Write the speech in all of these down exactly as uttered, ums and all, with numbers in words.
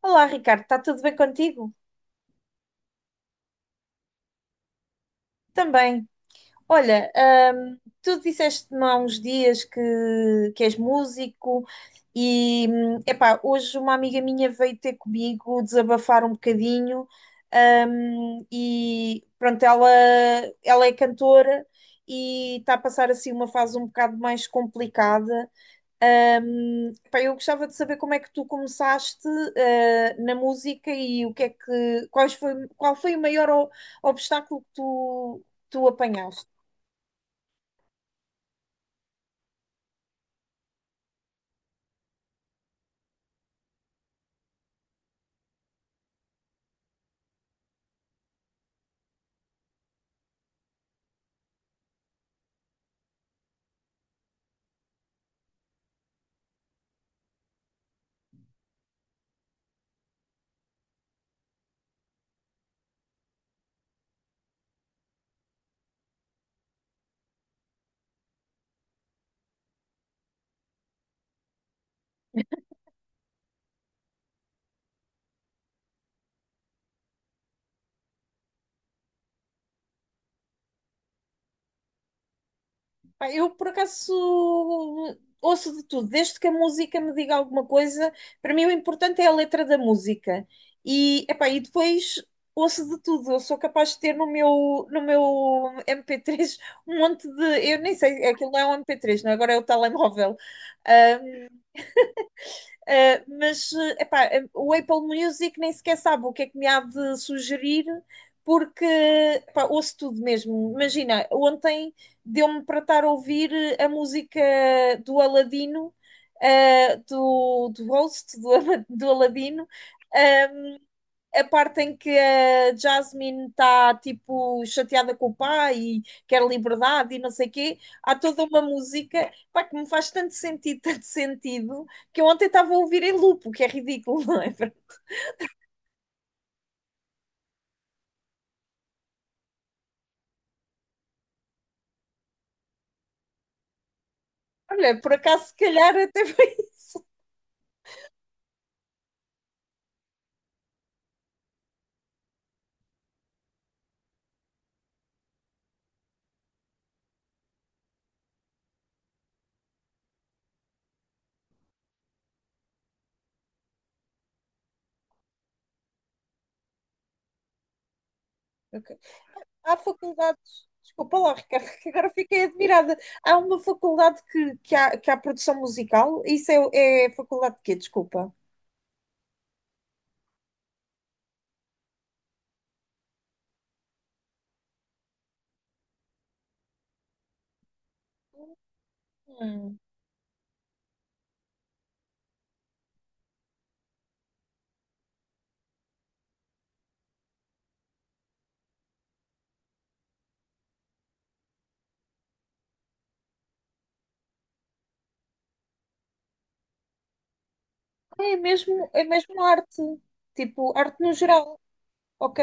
Olá, Ricardo, está tudo bem contigo? Também. Olha, hum, tu disseste-me há uns dias que, que és músico e, hum, epá, hoje uma amiga minha veio ter comigo desabafar um bocadinho, hum, e pronto, ela, ela é cantora e está a passar assim uma fase um bocado mais complicada, Ahm, pá, eu gostava de saber como é que tu começaste, ah, na música e o que é que, quais foi, qual foi o maior o- obstáculo que tu, tu apanhaste? Pá, eu, por acaso, ouço de tudo. Desde que a música me diga alguma coisa, para mim o importante é a letra da música. E, epá, e depois ouço de tudo. Eu sou capaz de ter no meu, no meu M P três um monte de... Eu nem sei, aquilo não é um M P três, não é? Agora é o telemóvel. Uh, mas uh, epá, eh, o Apple Music nem sequer sabe o que é que me há de sugerir, porque epá, ouço tudo mesmo. Imagina, ontem deu-me para estar a ouvir a música do Aladino, uh, do, do host do, Ala- do Aladino, a parte em que a Jasmine está tipo chateada com o pai e quer liberdade e não sei o quê, há toda uma música pá, que me faz tanto sentido, tanto sentido, que eu ontem estava a ouvir em loop, o que é ridículo, não é? Olha, por acaso, se calhar até foi isso. Ok. há faculdades. Desculpa lá, Ricardo, que agora fiquei admirada. Há uma faculdade que, que, há, que há produção musical? Isso é, é faculdade de quê? Desculpa. Hum. É mesmo, é mesmo arte. Tipo, arte no geral, ok?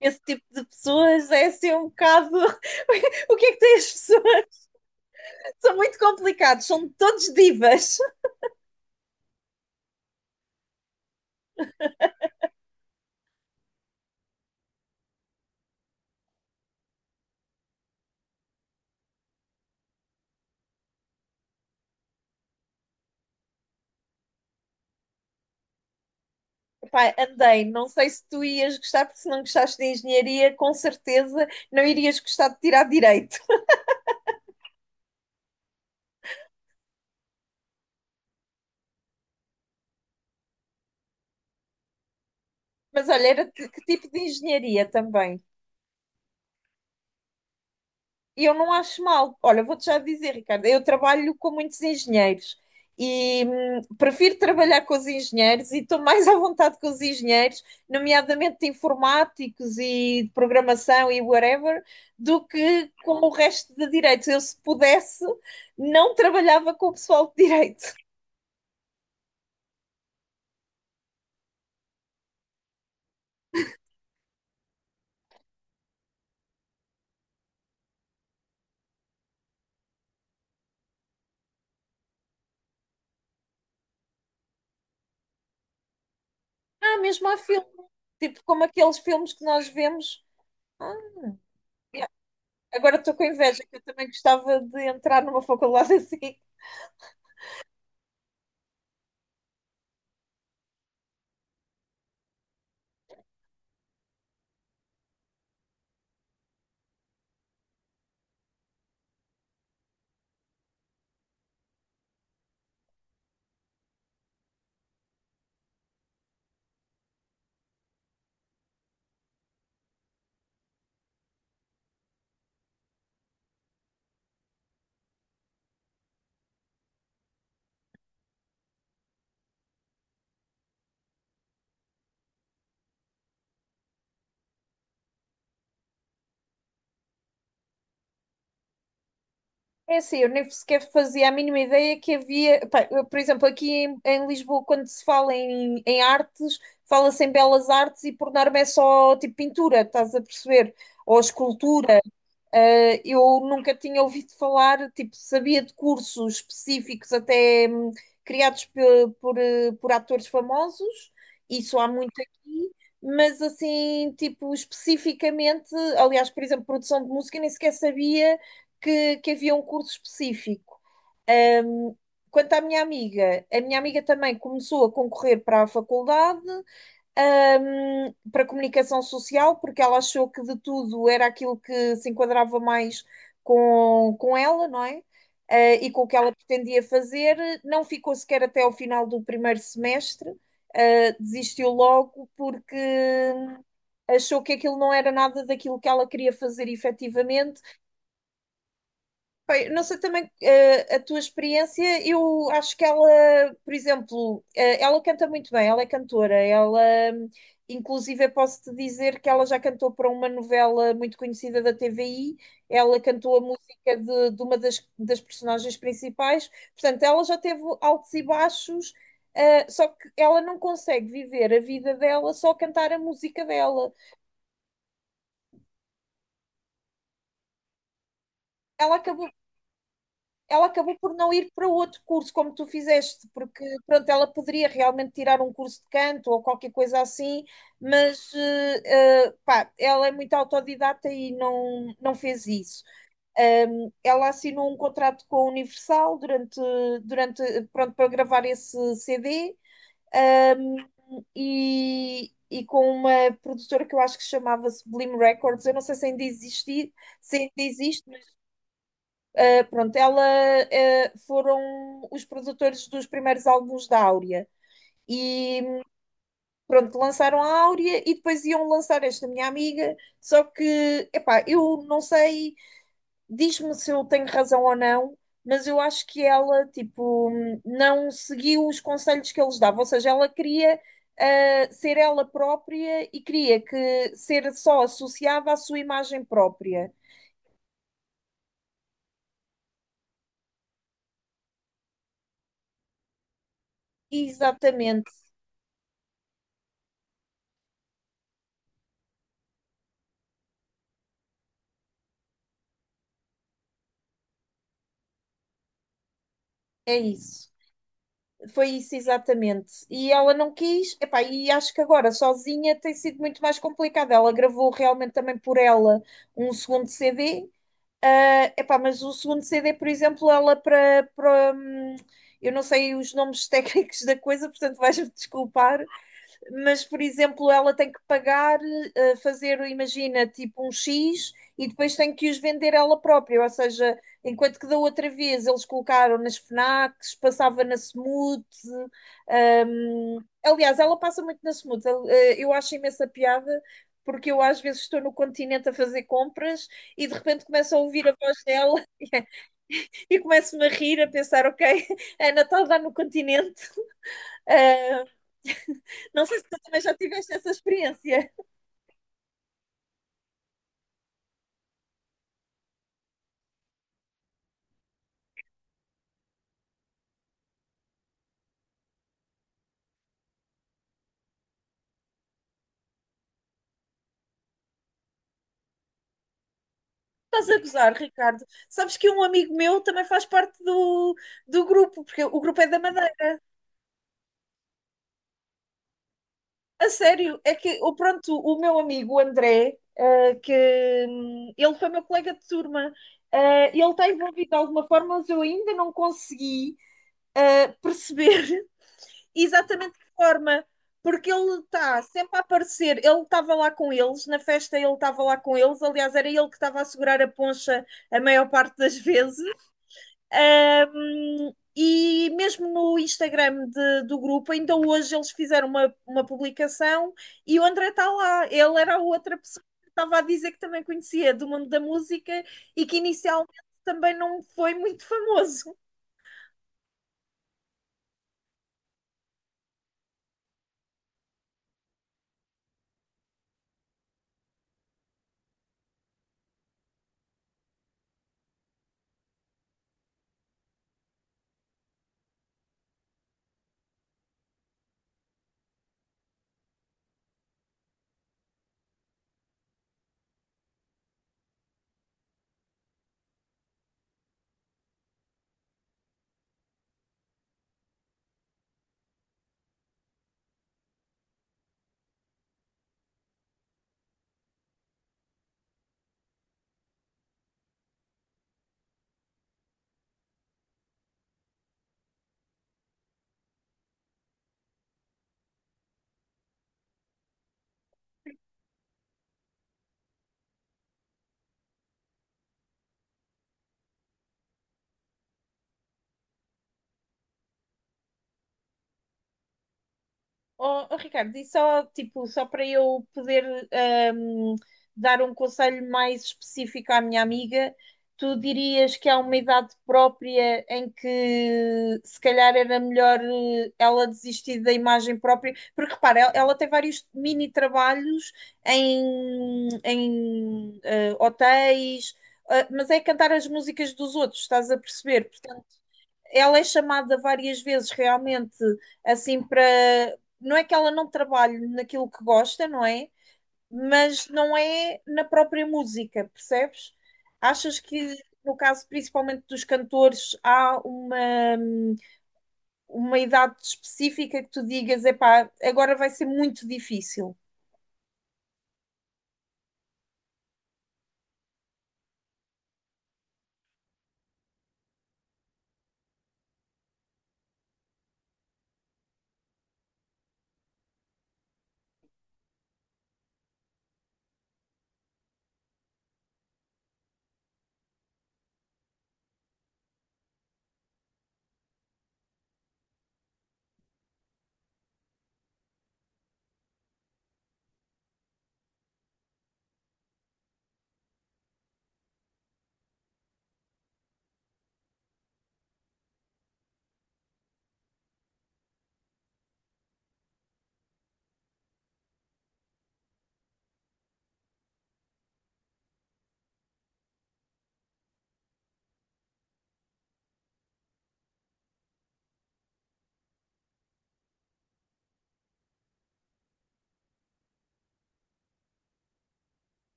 Esse tipo de pessoas é assim um bocado. O que é que têm as pessoas? São muito complicados, são todos divas. Pá, andei, não sei se tu ias gostar, porque se não gostaste de engenharia, com certeza não irias gostar de tirar direito. Mas olha, era que que tipo de engenharia também? E eu não acho mal. Olha, vou-te já dizer, Ricardo, eu trabalho com muitos engenheiros e hum, prefiro trabalhar com os engenheiros e estou mais à vontade com os engenheiros, nomeadamente de informáticos e de programação e whatever, do que com o resto de direitos. Eu, se pudesse, não trabalhava com o pessoal de direito. Ah, mesmo há filme, tipo como aqueles filmes que nós vemos. Ah, yeah. Agora estou com inveja, que eu também gostava de entrar numa faculdade assim. É assim, eu nem sequer fazia a mínima ideia que havia. Pá, eu, por exemplo, aqui em, em, Lisboa, quando se fala em, em artes, fala-se em belas artes e por norma é só tipo pintura, estás a perceber? Ou escultura. Uh, eu nunca tinha ouvido falar, tipo, sabia de cursos específicos até hum, criados pe- por, eh, por, atores famosos, isso há muito aqui, mas assim, tipo, especificamente, aliás, por exemplo, produção de música, nem sequer sabia que, que havia um curso específico. Quanto à minha amiga, a minha amiga também começou a concorrer para a faculdade, hum, para comunicação social, porque ela achou que de tudo era aquilo que se enquadrava mais com, com, ela, não é? Eh, e com o que ela pretendia fazer, não ficou sequer até ao final do primeiro semestre, eh, desistiu logo porque achou que aquilo não era nada daquilo que ela queria fazer efetivamente. Bem, não sei também eh, a tua experiência, eu acho que ela, por exemplo, eh, ela canta muito bem, ela é cantora, ela, hum, inclusive, eu posso-te dizer que ela já cantou para uma novela muito conhecida da T V I, ela cantou a música de, de, uma das, das personagens principais, portanto, ela já teve altos e baixos, eh, só que ela não consegue viver a vida dela só a cantar a música dela. Ela acabou ela acabou por não ir para outro curso, como tu fizeste, porque pronto, ela poderia realmente tirar um curso de canto ou qualquer coisa assim, mas eh, eh, pá, ela é muito autodidata e não, não fez isso. Ahm, ela assinou um contrato com a Universal durante, durante, pronto, para gravar esse C D, ahm, e, e com uma produtora que eu acho que se chamava Sublime Records, eu não sei se ainda existe, se ainda existe, Uh, pronto, ela uh, foram os produtores dos primeiros álbuns da Áurea. E pronto, lançaram a Áurea e depois iam lançar esta minha amiga. Só que, epá, eu não sei, diz-me se eu tenho razão ou não, mas eu acho que ela, tipo, não seguiu os conselhos que eles davam. Ou seja, ela queria uh, ser ela própria e queria que ser só associada à sua imagem própria. Exatamente, é isso. Foi isso, exatamente. E ela não quis, epá, e acho que agora sozinha tem sido muito mais complicado. Ela gravou realmente também por ela um segundo C D, ah, epá, mas o segundo C D, por exemplo, ela para, para, hum, eu não sei os nomes técnicos da coisa, portanto vais-me desculpar, mas por exemplo, ela tem que pagar, eh, fazer, imagina, tipo um X e depois tem que os vender ela própria. Ou seja, enquanto que da outra vez eles colocaram nas FNACs, passava na Smooth. hum, aliás, ela passa muito na Smooth. Eu, eh, eu acho imensa piada. Porque eu às vezes estou no continente a fazer compras e de repente começo a ouvir a voz dela e começo-me a rir, a pensar, ok, a Natal está lá no continente. Ah, não sei se tu também já tiveste essa experiência. Estás a gozar, Ricardo. Sabes que um amigo meu também faz parte do, do grupo, porque o grupo é da Madeira. A sério, é que, o pronto, o meu amigo o André, ah, que hum, ele foi meu colega de turma, ah, ele está envolvido de alguma forma, mas eu ainda não consegui eh, perceber exatamente que forma, porque ele está sempre a aparecer. Ele estava lá com eles, na festa ele estava lá com eles, aliás, era ele que estava a segurar a poncha a maior parte das vezes. Ahm, e mesmo no Instagram de- do grupo, ainda hoje eles fizeram uma, uma publicação e o André está lá. Ele era a outra pessoa que estava a dizer que também conhecia do mundo da música e que inicialmente também não foi muito famoso. Oh, oh, Ricardo, e só, tipo, só para eu poder ahm, dar um conselho mais específico à minha amiga, tu dirias que há uma idade própria em que se calhar era melhor eh, ela desistir da imagem própria, porque repara, ela, ela tem vários mini trabalhos em, em eh, hotéis, eh, mas é cantar as músicas dos outros, estás a perceber? ela é chamada várias vezes realmente assim para. Não é que ela não trabalhe naquilo que gosta, não é? Mas não é na própria música, percebes? Achas que no caso principalmente dos cantores, há uma, uma, idade específica que tu digas, epá, agora vai ser muito difícil.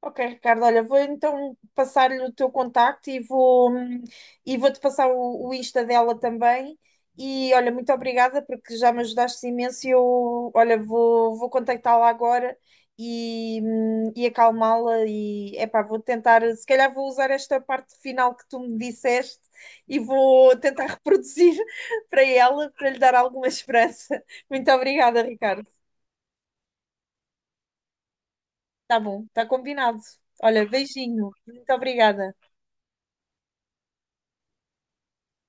Ok, Ricardo, olha, vou então passar-lhe o teu contacto e vou e vou-te passar o, o Insta dela também. E olha, muito obrigada porque já me ajudaste imenso. e Eu, olha, vou, vou contactá-la agora e, hum, e acalmá-la. E epá, vou tentar, se calhar vou usar esta parte final que tu me disseste e vou tentar reproduzir para ela, para lhe dar alguma esperança. Muito obrigada, Ricardo. Tá bom, tá combinado. Olha, beijinho, muito obrigada.